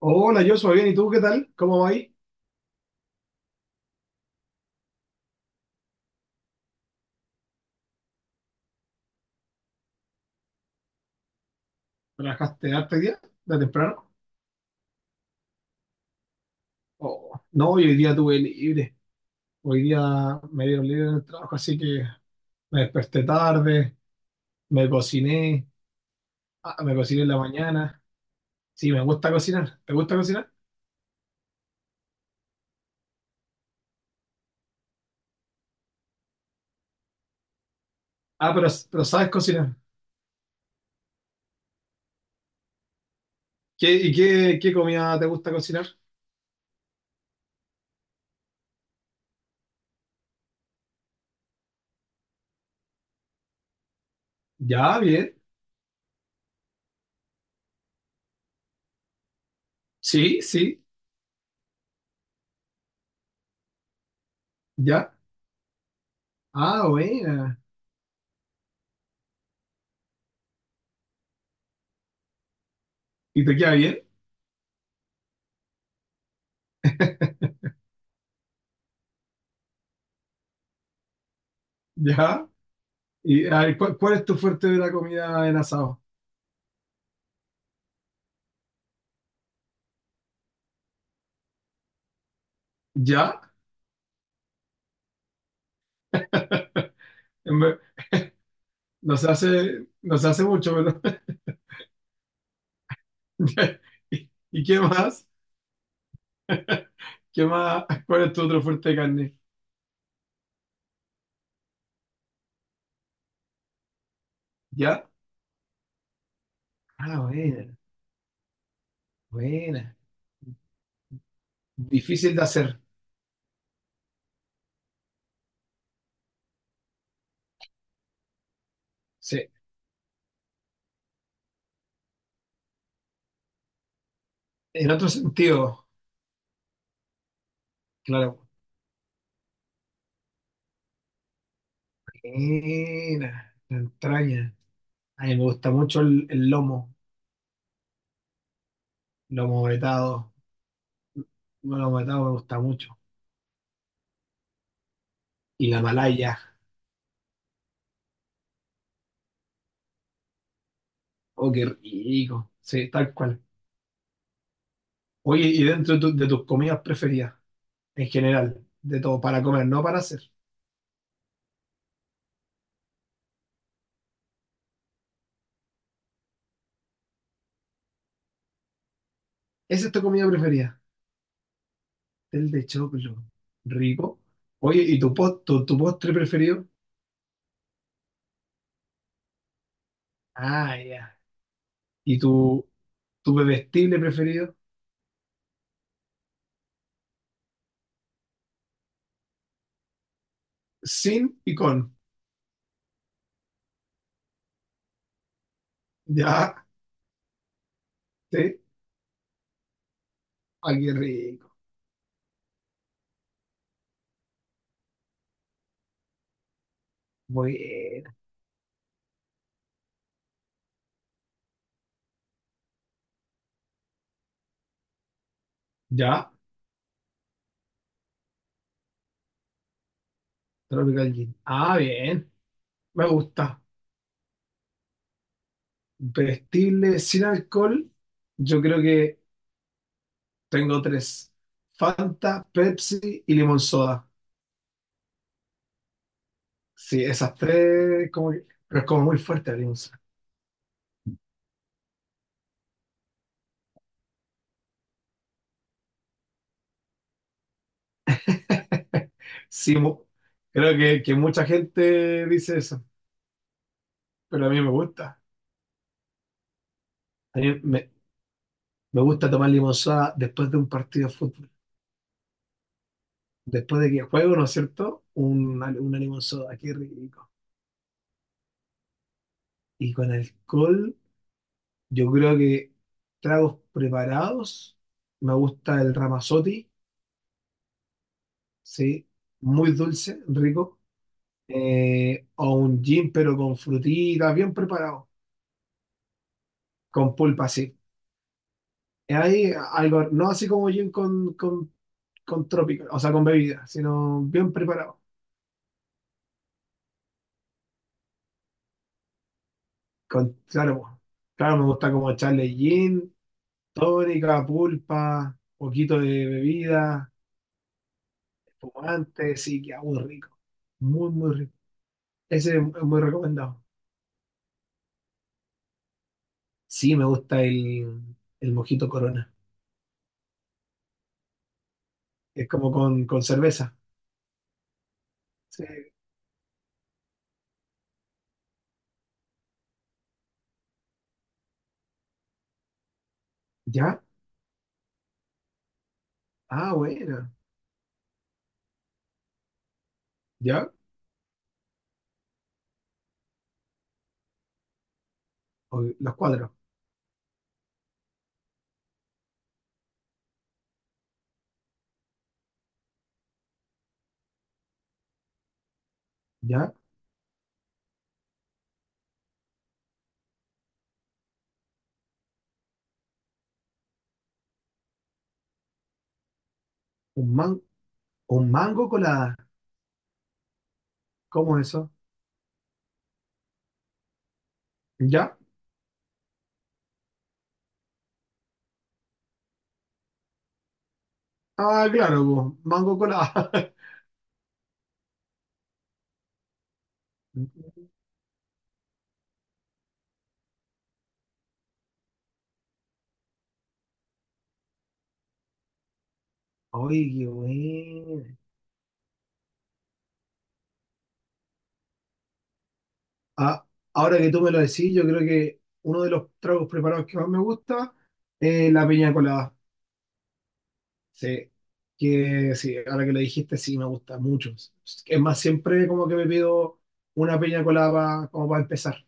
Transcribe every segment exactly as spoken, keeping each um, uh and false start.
Hola, yo soy bien. ¿Y tú qué tal? ¿Cómo va ahí? ¿Trabajaste harto hoy día? ¿De temprano? Oh, no, hoy día tuve libre. Hoy día me dieron libre en el trabajo, así que me desperté tarde, me cociné, ah, me cociné en la mañana. Sí, me gusta cocinar. ¿Te gusta cocinar? Ah, pero, pero sabes cocinar. ¿Qué, y qué, qué comida te gusta cocinar? Ya, bien. Sí, sí, ya. Ah, buena. ¿Y te queda bien? Ya. ¿Y a ver, ¿cuál, cuál es tu fuerte de la comida en asado? Ya. Nos hace, nos hace mucho, pero- ¿Y, y qué más? ¿Qué más? ¿Cuál es tu otro fuerte de carne? ¿Ya? Ah, buena, buena. Difícil de hacer. Sí. En otro sentido, claro. Buena, la entraña. A mí me gusta mucho el, el lomo, lomo vetado. El lomo vetado me gusta mucho. Y la malaya. Oh, qué rico. Sí, tal cual. Oye, y dentro de, tu- de tus comidas preferidas, en general, de todo, para comer, no para hacer. ¿Esa es tu comida preferida? Pastel de choclo. Rico. Oye, ¿y tu, pos- tu, tu postre preferido? Ah, ya. ¿Y tu, tu bebestible preferido? Sin y con. Ya, sí. Ah, qué rico. Bueno. Ya, Tropical Gin. Ah, bien. Me gusta. Bebestible sin alcohol. Yo creo que tengo tres. Fanta, Pepsi y limón soda. Sí, esas tres, como que- pero es como muy fuerte el limón. Sí, mu- creo que, que mucha gente dice eso, pero a mí me gusta. A mí me, me gusta tomar limonada después de un partido de fútbol. Después de que juego, ¿no es cierto? Una, una limonada, qué rico. Y con alcohol, yo creo que tragos preparados. Me gusta el Ramazzotti, sí, muy dulce, rico. Eh, o un gin, pero con frutitas, bien preparado, con pulpa, sí. Hay algo, no así como gin con, con con trópico, o sea, con bebida, sino bien preparado. Con, claro, po. Claro, me gusta como echarle gin, tónica, pulpa, poquito de bebida, espumante, sí, que muy rico. Muy, muy rico. Ese es muy recomendado. Sí, me gusta el, el mojito Corona. Es como con, con cerveza. Sí. ¿Ya? Ah, bueno. ¿Ya? O- los cuadros. ¿Ya? Un, man, un mango colada. ¿Cómo es eso? ¿Ya? Ah, claro, po, mango colada. Oye, qué bueno. Ah, ahora que tú me lo decís, yo creo que uno de los tragos preparados que más me gusta es la piña colada. Sí, que sí, ahora que lo dijiste, sí, me gusta mucho. Es más, siempre como que me pido una piña colada pa- como para empezar.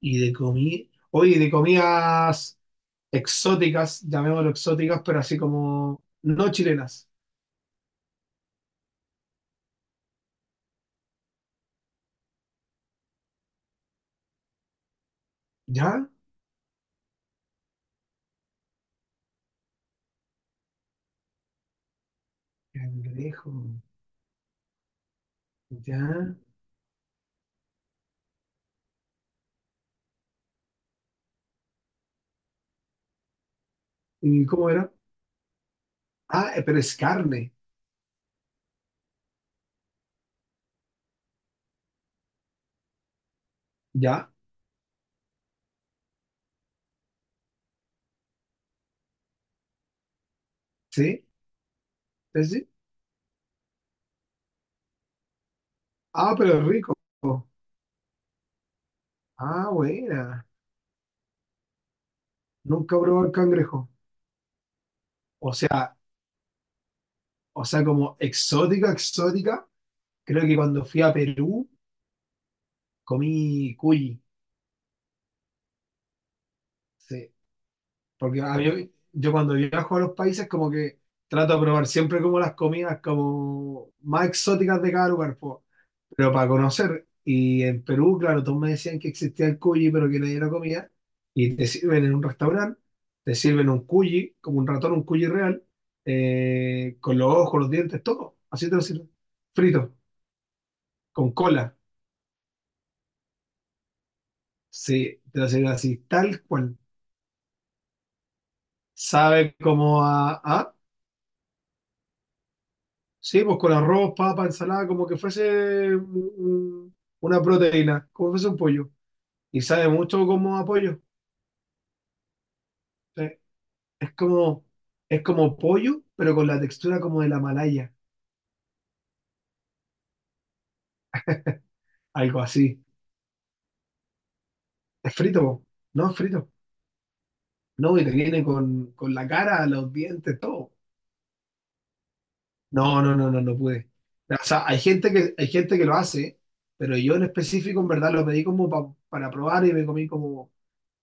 Y de comida, oye, de comidas exóticas, llamémoslo exóticas, pero así como no chilenas. ¿Ya? Cangrejo, ¿ya? ¿Y cómo era? Ah, eh, pero es carne, ¿ya? Sí, sí, sí. Ah, pero es rico. Ah, buena. Nunca probé el cangrejo. O sea, o sea, como exótica, exótica. Creo que cuando fui a Perú comí cuy. Sí. Porque a mí- yo cuando viajo a los países como que trato de probar siempre como las comidas como más exóticas de cada lugar, po. Pero para conocer. Y en Perú, claro, todos me decían que existía el cuyi, pero que nadie lo comía. Y te sirven en un restaurante, te sirven un cuyi, como un ratón, un cuyi real, eh, con los ojos, los dientes, todo. Así te lo sirven. Frito, con cola. Sí, te lo sirven así, tal cual. Sabe como a, a- sí, pues con arroz, papa, ensalada, como que fuese un- un- una proteína, como fuese un pollo. Y sabe mucho como a pollo. Sí. Es como, es como pollo, pero con la textura como de la malaya, algo así. Es frito, po. No es frito. No, y te viene con, con la cara, los dientes, todo. No, no, no, no, no pude. O sea, hay gente que, hay gente que lo hace, pero yo en específico, en verdad, lo pedí como pa- para probar y me comí como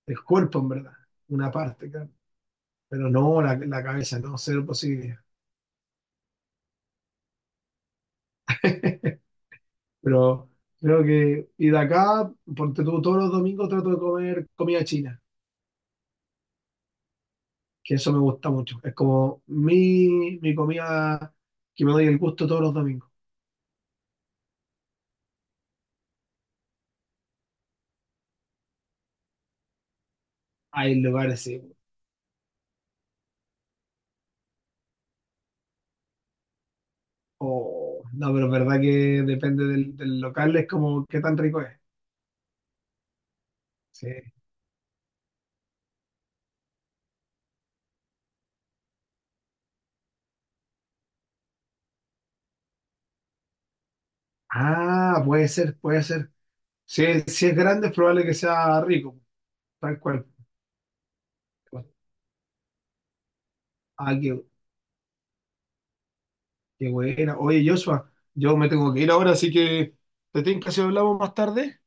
el cuerpo, en verdad, una parte, claro. Pero no la, la cabeza, no, cero posibilidad. Pero creo que, y de acá, porque tú todos los domingos trato de comer comida china. Que eso me gusta mucho. Es como mi, mi comida que me doy el gusto todos los domingos. Hay lugares, sí. Oh, no, pero es verdad que depende del, del local, es como qué tan rico es. Sí. Ah, puede ser, puede ser. Si es, si es grande, es probable que sea rico, tal cual. Ah, qué, qué buena. Oye, Joshua, yo me tengo que ir ahora, así que te tengo que hacer hablamos más tarde.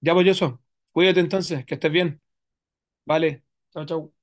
Ya pues, Joshua, cuídate entonces, que estés bien. Vale, chao, chao.